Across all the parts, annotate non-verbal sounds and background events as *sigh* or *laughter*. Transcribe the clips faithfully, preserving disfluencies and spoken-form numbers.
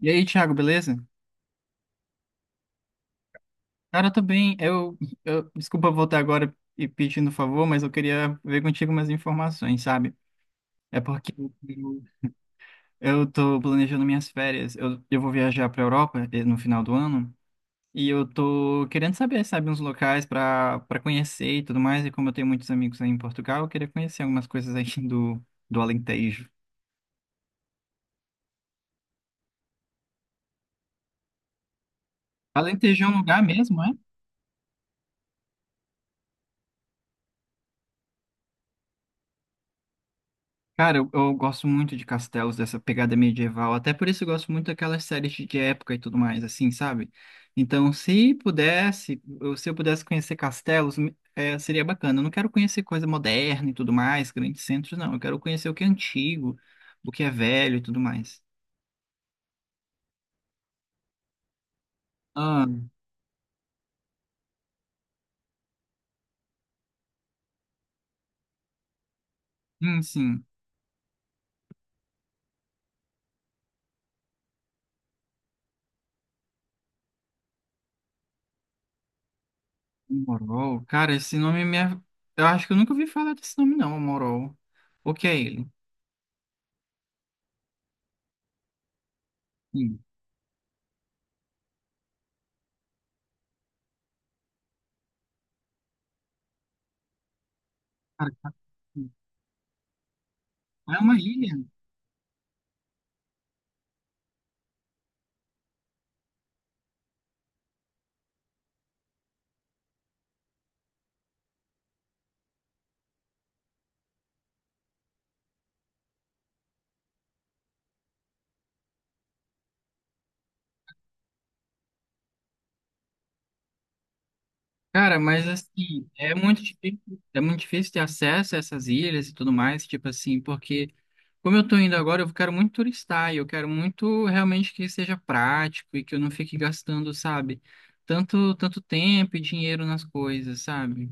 E aí, Thiago, beleza? Cara, eu tô bem. Eu, eu- desculpa voltar agora e pedindo favor, mas eu queria ver contigo umas informações, sabe? É porque eu, eu tô planejando minhas férias. Eu, eu vou viajar pra Europa eh, no final do ano e eu tô querendo saber, sabe, uns locais pra para conhecer e tudo mais. E como eu tenho muitos amigos aí em Portugal, eu queria conhecer algumas coisas aí do do Alentejo. Alentejo é um lugar mesmo, é? Cara, eu, eu gosto muito de castelos, dessa pegada medieval. Até por isso eu gosto muito daquelas séries de, de época e tudo mais, assim, sabe? Então, se pudesse, eu- se eu pudesse conhecer castelos, me- é, seria bacana. Eu não quero conhecer coisa moderna e tudo mais, grandes centros, não. Eu quero conhecer o que é antigo, o que é velho e tudo mais. Ah, sim, sim. Morol. Cara, esse nome me... é- eu acho que eu nunca ouvi falar desse nome, não, Morol. O que é ele? Sim. Cara, é uma ilha. Cara, mas assim, é muito difícil, é muito difícil ter acesso a essas ilhas e tudo mais, tipo assim, porque como eu tô indo agora, eu quero muito turistar e eu quero muito realmente que seja prático e que eu não fique gastando, sabe, tanto, tanto tempo e dinheiro nas coisas, sabe?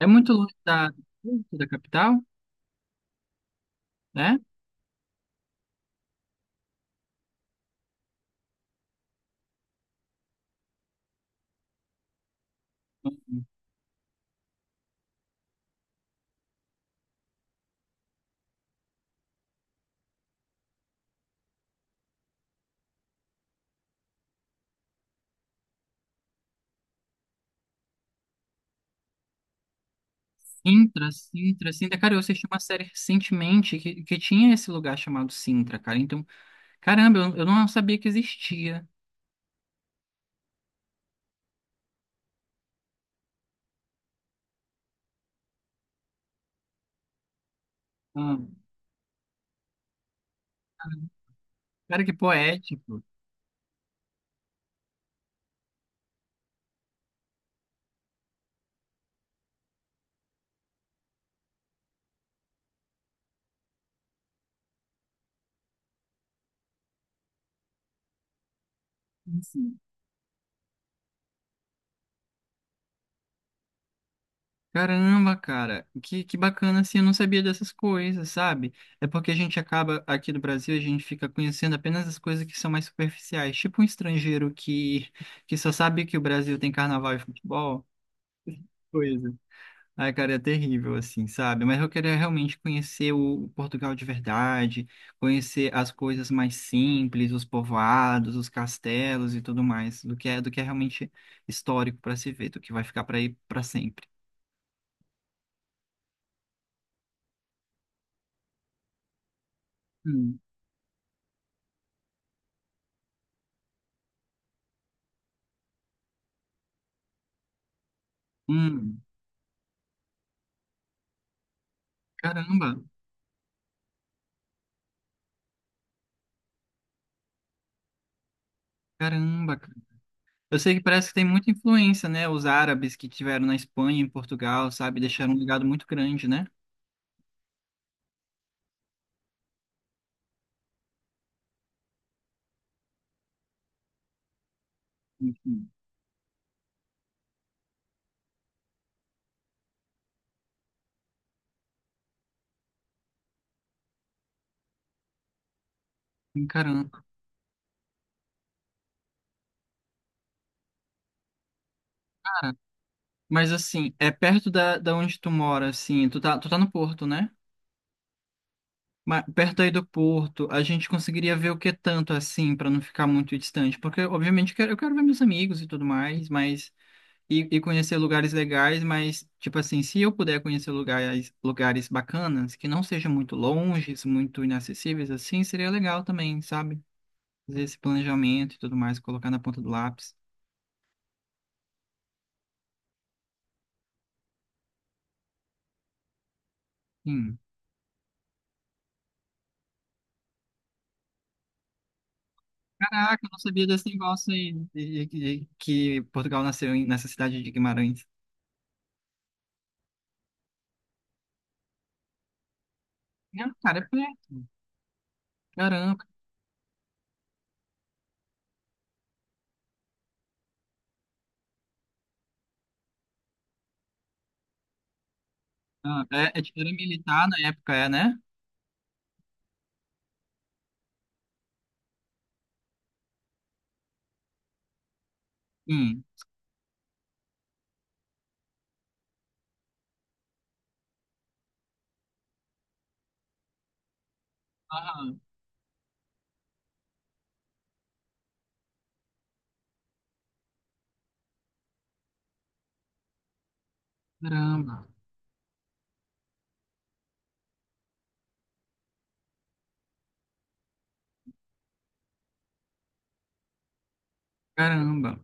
É muito longe da, da capital, né? Sintra, Sintra, Sintra. Cara, eu assisti uma série recentemente que, que tinha esse lugar chamado Sintra, cara. Então, caramba, eu, eu não sabia que existia. Ah, cara, que poético. Sim. Caramba, cara, que, que bacana assim, eu não sabia dessas coisas, sabe? É porque a gente acaba, aqui no Brasil, a gente fica conhecendo apenas as coisas que são mais superficiais, tipo um estrangeiro que, que só sabe que o Brasil tem carnaval e futebol, coisa. Ai, cara, é terrível, assim, sabe? Mas eu queria realmente conhecer o Portugal de verdade, conhecer as coisas mais simples, os povoados, os castelos e tudo mais, do que é, do que é realmente histórico para se ver, do que vai ficar para ir para sempre. Hum, caramba, caramba, cara. Eu sei que parece que tem muita influência, né? Os árabes que tiveram na Espanha, em Portugal, sabe? Deixaram um legado muito grande, né? Enfim, hum, caramba, cara. Mas assim, é perto da, da onde tu mora, assim, tu tá, tu tá no Porto, né? Mas perto aí do Porto, a gente conseguiria ver o que tanto, assim, pra não ficar muito distante. Porque, obviamente, eu quero, eu quero ver meus amigos e tudo mais, mas e, e conhecer lugares legais, mas, tipo assim, se eu puder conhecer lugares, lugares bacanas, que não sejam muito longes, muito inacessíveis, assim, seria legal também, sabe? Fazer esse planejamento e tudo mais, colocar na ponta do lápis. Sim. Caraca, eu não sabia desse negócio aí, de, de- de- que Portugal nasceu em- nessa cidade de Guimarães. Não, cara, é perto. Caramba. Ah, é, é- tipo, era militar na época, é, né? Sim. Ah, caramba, caramba.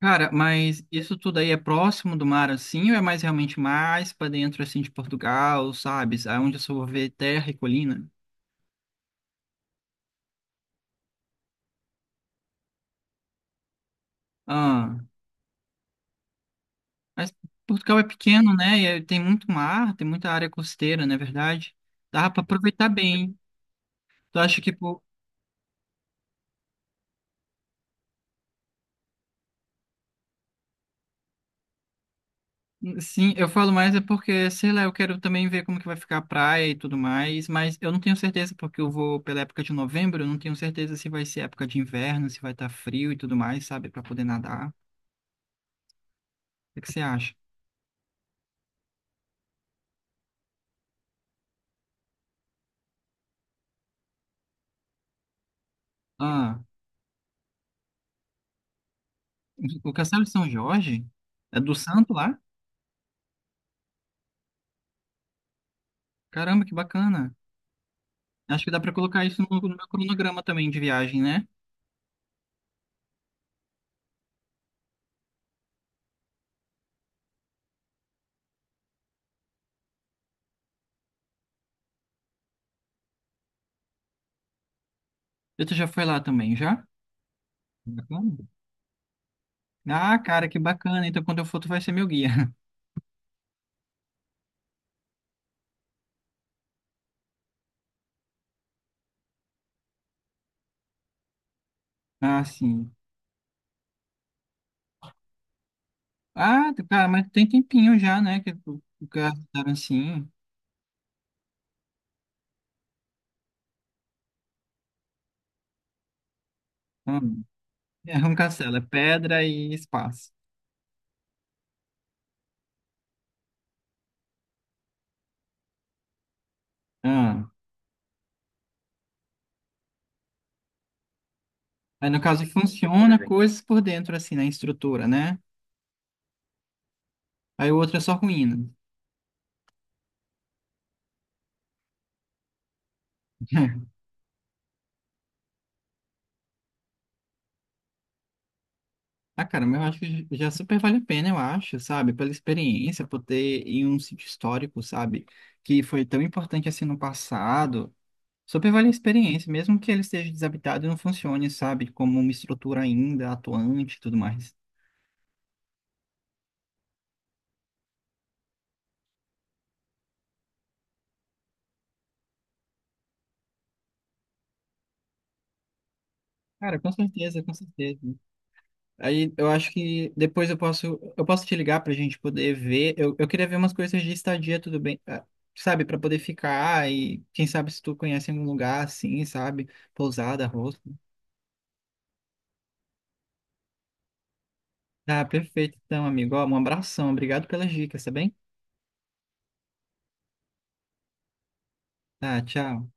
Cara, mas isso tudo aí é próximo do mar assim, ou é mais realmente mais pra dentro assim de Portugal, sabe? Aonde eu só vou ver terra e colina? Ah, mas Portugal é pequeno, né? E aí tem muito mar, tem muita área costeira, não é verdade? Dá pra aproveitar bem. Tu acha que por... Sim, eu falo mais é porque, sei lá, eu quero também ver como que vai ficar a praia e tudo mais, mas eu não tenho certeza porque eu vou pela época de novembro, eu não tenho certeza se vai ser época de inverno, se vai estar frio e tudo mais, sabe, pra poder nadar. O que que você acha? Ah, o Castelo de São Jorge? É do Santo lá? Caramba, que bacana. Acho que dá pra colocar isso no, no meu cronograma também de viagem, né? E tu já foi lá também, já? Bacana. Ah, cara, que bacana. Então, quando eu for, tu vai ser meu guia. *laughs* Ah, sim. Ah, tu- cara, mas tem tempinho já, né? Que o o castelo, assim... ah, é um castelo, é pedra e espaço. Ah. Aí, no caso, funciona coisas por dentro, assim, na estrutura, né? Aí o outro é só ruína. *laughs* Ah, cara, mas eu acho que já super vale a pena, eu acho, sabe? Pela experiência, por ter em um sítio histórico, sabe? Que foi tão importante assim no passado. Super vale a experiência, mesmo que ele esteja desabitado e não funcione, sabe? Como uma estrutura ainda atuante e tudo mais. Cara, com certeza, com certeza. Aí eu acho que depois eu posso, eu posso te ligar pra gente poder ver. Eu, eu queria ver umas coisas de estadia, tudo bem, ah, sabe? Pra poder ficar e quem sabe se tu conhece algum lugar assim, sabe? Pousada, rosto. Ah, perfeito então, amigo. Ó, um abração. Obrigado pelas dicas, tá bem? Tá, tchau.